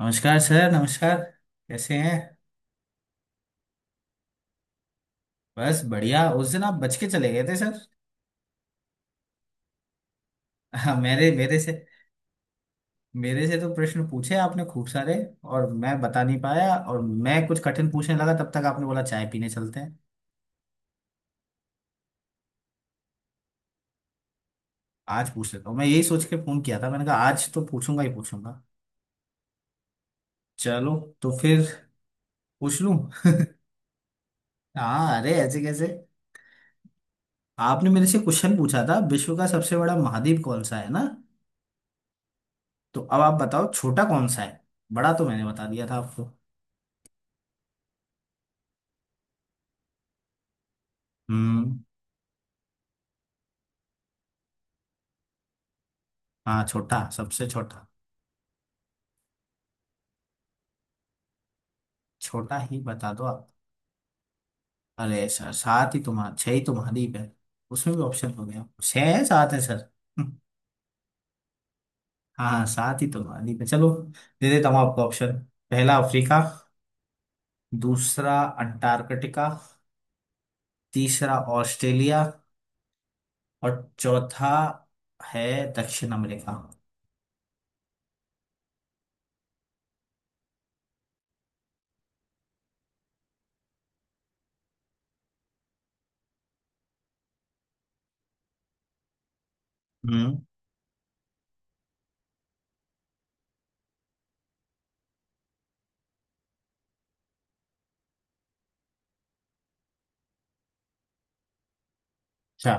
नमस्कार सर, नमस्कार। कैसे हैं? बस बढ़िया। उस दिन आप बच के चले गए थे सर हाँ, मेरे मेरे से तो प्रश्न पूछे आपने खूब सारे, और मैं बता नहीं पाया, और मैं कुछ कठिन पूछने लगा तब तक आपने बोला चाय पीने चलते हैं। आज पूछ लेता हूँ, मैं यही सोच के फोन किया था। मैंने कहा आज तो पूछूंगा ही पूछूंगा। चलो, तो फिर पूछ लूं। हाँ, अरे ऐसे कैसे। आपने मेरे से क्वेश्चन पूछा था, विश्व का सबसे बड़ा महाद्वीप कौन सा, है ना। तो अब आप बताओ छोटा कौन सा है। बड़ा तो मैंने बता दिया था आपको। हम्म। हाँ, छोटा, सबसे छोटा। छोटा ही बता दो आप। अरे सर सात ही तुम्हारा, छह ही तुम्हारी पे। उसमें भी ऑप्शन हो गया, छह है सात है सर। हाँ हाँ, सात ही तुम्हारी पे। चलो, दे देता हूँ आपको ऑप्शन। पहला अफ्रीका। दूसरा अंटार्कटिका। तीसरा ऑस्ट्रेलिया। और चौथा है दक्षिण अमेरिका। हम्म। अच्छा।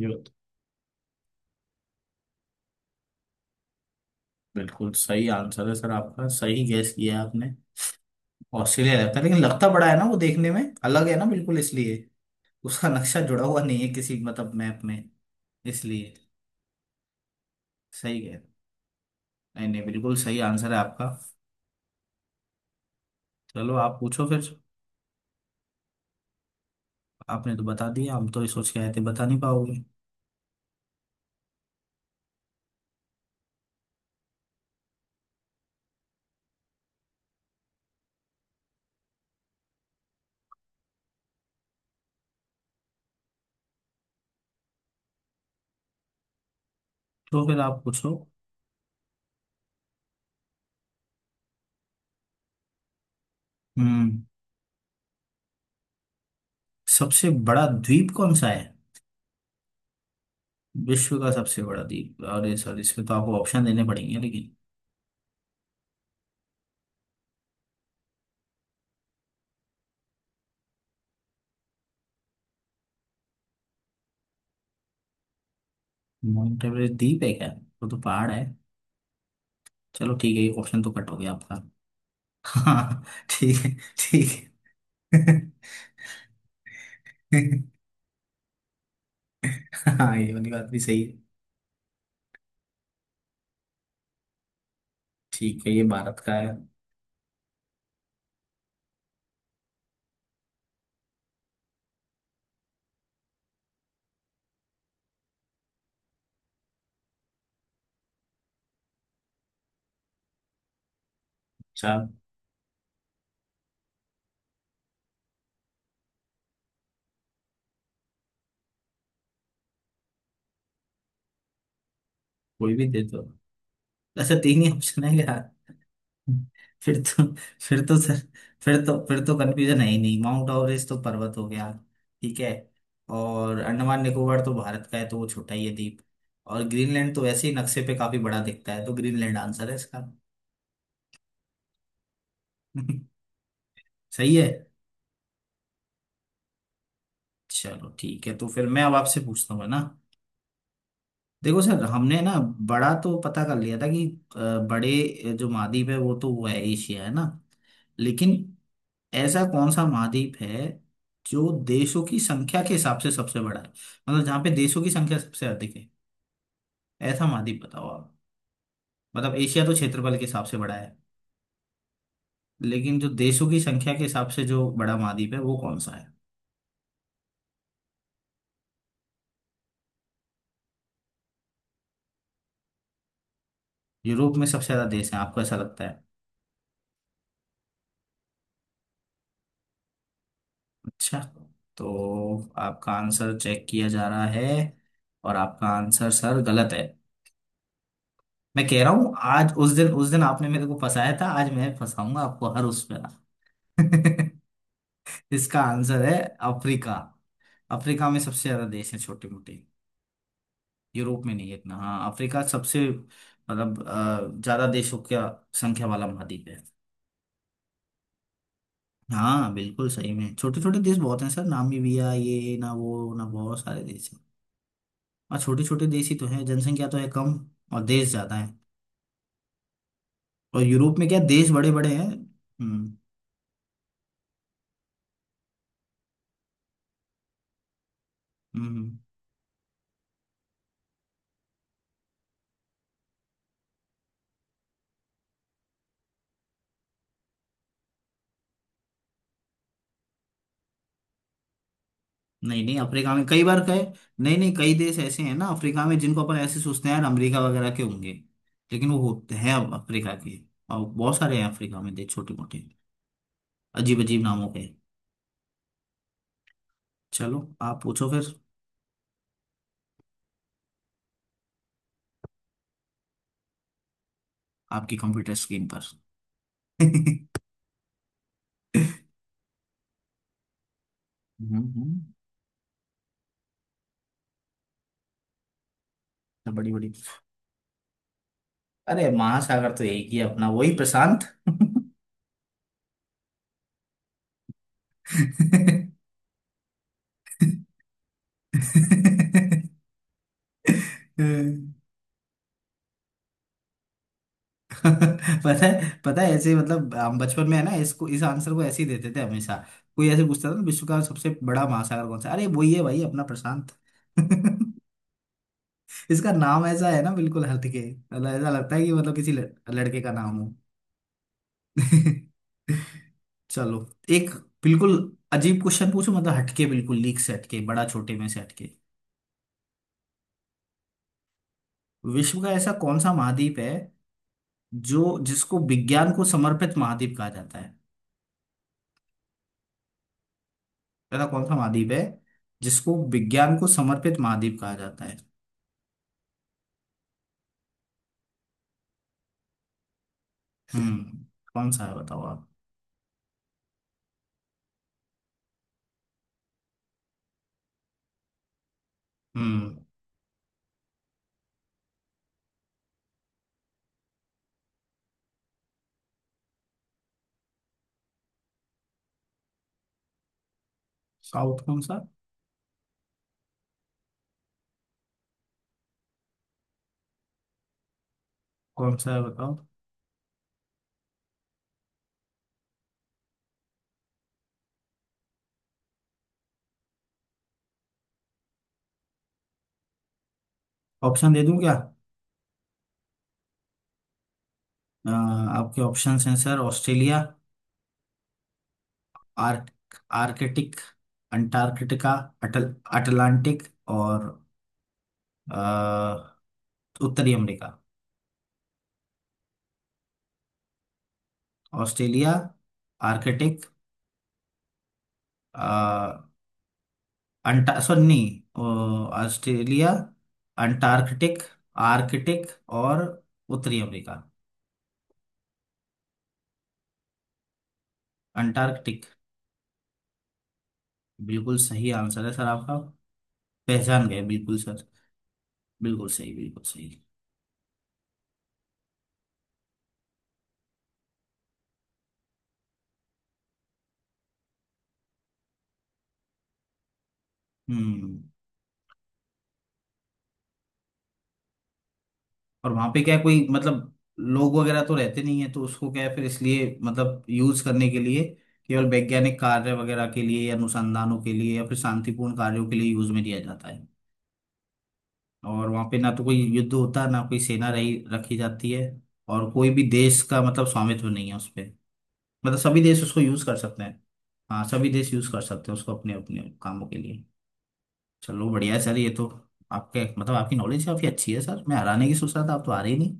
ये तो बिल्कुल सही आंसर है सर आपका। सही गैस किया है आपने। ऑस्ट्रेलिया लगता है, लेकिन लगता बड़ा है ना, वो देखने में अलग है ना बिल्कुल, इसलिए उसका नक्शा जुड़ा हुआ नहीं है किसी मतलब मैप में। इसलिए सही है। नहीं नहीं, बिल्कुल सही आंसर है आपका। चलो आप पूछो फिर। आपने तो बता दिया, हम तो ये सोच के आए थे बता नहीं पाओगे। तो फिर आप पूछो। हम्म। सबसे बड़ा द्वीप कौन सा है? विश्व का सबसे बड़ा द्वीप? अरे सर इसमें तो आपको ऑप्शन देने पड़ेंगे, लेकिन माउंट एवरेस्ट द्वीप है क्या? वो तो पहाड़ है। चलो ठीक है, ये ऑप्शन तो कट हो गया आपका। हाँ। ठीक है, ठीक है। हाँ, ये वाली बात भी सही है। ठीक है, ये भारत का है। अच्छा। कोई भी दे दो। ऐसा तीन ही ऑप्शन है यार। फिर तो फिर तो सर, फिर तो कंफ्यूजन है ही नहीं। माउंट एवरेस्ट तो पर्वत हो गया। ठीक है। और अंडमान निकोबार तो भारत का है, तो वो छोटा ही है द्वीप। और ग्रीनलैंड तो वैसे ही नक्शे पे काफी बड़ा दिखता है, तो ग्रीनलैंड आंसर है इसका। सही है। चलो ठीक है, तो फिर मैं अब आपसे पूछता हूँ, है ना। देखो सर, हमने ना बड़ा तो पता कर लिया था कि अ, बड़े जो महाद्वीप है वो है एशिया, है ना। लेकिन ऐसा कौन सा महाद्वीप है जो देशों की संख्या के हिसाब से सबसे बड़ा है? मतलब जहाँ पे देशों की संख्या सबसे अधिक है, ऐसा महाद्वीप बताओ आप। मतलब एशिया तो क्षेत्रफल के हिसाब से बड़ा है, लेकिन जो देशों की संख्या के हिसाब से जो बड़ा महाद्वीप है वो कौन सा है? यूरोप में सबसे ज्यादा देश है, आपको ऐसा लगता है? अच्छा। तो आपका आंसर चेक किया जा रहा है, और आपका आंसर सर गलत है। मैं कह रहा हूँ, आज उस दिन आपने मेरे को फंसाया था, आज मैं फंसाऊंगा आपको हर उस पे। इसका आंसर है अफ्रीका। अफ्रीका में सबसे ज्यादा देश है, छोटे मोटे। यूरोप में नहीं है इतना। हाँ, अफ्रीका सबसे मतलब ज्यादा देशों का संख्या वाला महाद्वीप है। हाँ बिल्कुल सही में, छोटे छोटे देश बहुत हैं सर, नामीबिया, ये ना वो ना, बहुत सारे देश हैं। और छोटे छोटे देश ही तो हैं, जनसंख्या तो है कम, और देश ज्यादा है। और यूरोप में क्या, देश बड़े बड़े हैं। हम्म। हम्म। हम्म। नहीं नहीं, अफ्रीका में कई बार कहे। नहीं नहीं, कई देश ऐसे हैं ना अफ्रीका में, जिनको अपन ऐसे सोचते हैं यार अमेरिका वगैरह के होंगे, लेकिन वो होते हैं अब अफ्रीका के। और बहुत सारे हैं अफ्रीका में देश, छोटे मोटे, अजीब अजीब नामों के। चलो आप पूछो फिर। आपकी कंप्यूटर स्क्रीन पर हम्म। हम्म। बड़ी बड़ी। अरे महासागर तो एक ही है, अपना वही प्रशांत। पता है ऐसे ही, मतलब हम बचपन में है ना इसको, इस आंसर को ऐसे ही देते थे हमेशा। कोई ऐसे पूछता था ना, विश्व का सबसे बड़ा महासागर कौन सा, अरे वही है भाई अपना प्रशांत। इसका नाम ऐसा है ना बिल्कुल हटके, मतलब ऐसा लगता है कि मतलब किसी लड़के का नाम हो। चलो, एक बिल्कुल अजीब क्वेश्चन पूछो, मतलब हटके, बिल्कुल लीक से हटके, बड़ा छोटे में से हटके। विश्व का ऐसा कौन सा महाद्वीप है जो जिसको विज्ञान को समर्पित महाद्वीप कहा जाता है? पता कौन सा महाद्वीप है जिसको विज्ञान को समर्पित महाद्वीप कहा जाता है? हम्म। कौन सा है बताओ आप। हम्म। साउथ कौन सा? कौन सा है बताओ? ऑप्शन दे दूं क्या? आपके ऑप्शन हैं सर, ऑस्ट्रेलिया, आर्क आर्कटिक, अंटार्कटिका, अटल अटलांटिक, और अ, उत्तरी अमेरिका। ऑस्ट्रेलिया, आर्कटिक, अंटा सॉरी, नहीं, ऑस्ट्रेलिया, अंटार्कटिक, आर्कटिक, और उत्तरी अमेरिका। अंटार्कटिक, बिल्कुल सही आंसर है सर आपका। पहचान गए बिल्कुल सर। बिल्कुल सही, बिल्कुल सही। हम्म। और वहां पे क्या है, कोई मतलब लोग वगैरह तो रहते नहीं है, तो उसको क्या है फिर, इसलिए मतलब यूज करने के लिए केवल वैज्ञानिक कार्य वगैरह के लिए, या अनुसंधानों के लिए, या फिर शांतिपूर्ण कार्यों के लिए यूज में लिया जाता है। और वहां पे ना तो कोई युद्ध होता है, ना कोई सेना रही रखी जाती है। और कोई भी देश का मतलब स्वामित्व नहीं है उस पे, मतलब सभी देश उसको यूज कर सकते हैं। हाँ, सभी देश यूज कर सकते हैं उसको अपने अपने कामों के लिए। चलो बढ़िया है सर, ये तो। आपके मतलब आपकी नॉलेज काफी अच्छी है सर, मैं हराने की सोच रहा था, आप तो हारे ही नहीं।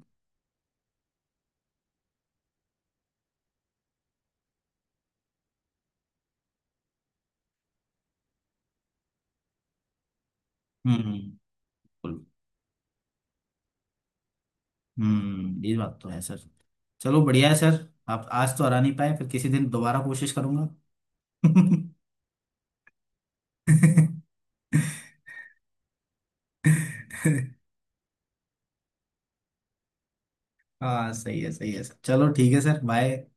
हम्म। बिल्कुल। हम्म, ये बात तो है सर। चलो बढ़िया है सर, आप आज तो हरा नहीं पाए, फिर किसी दिन दोबारा कोशिश करूंगा। हाँ सही है, सही है सर। चलो ठीक है सर, बाय।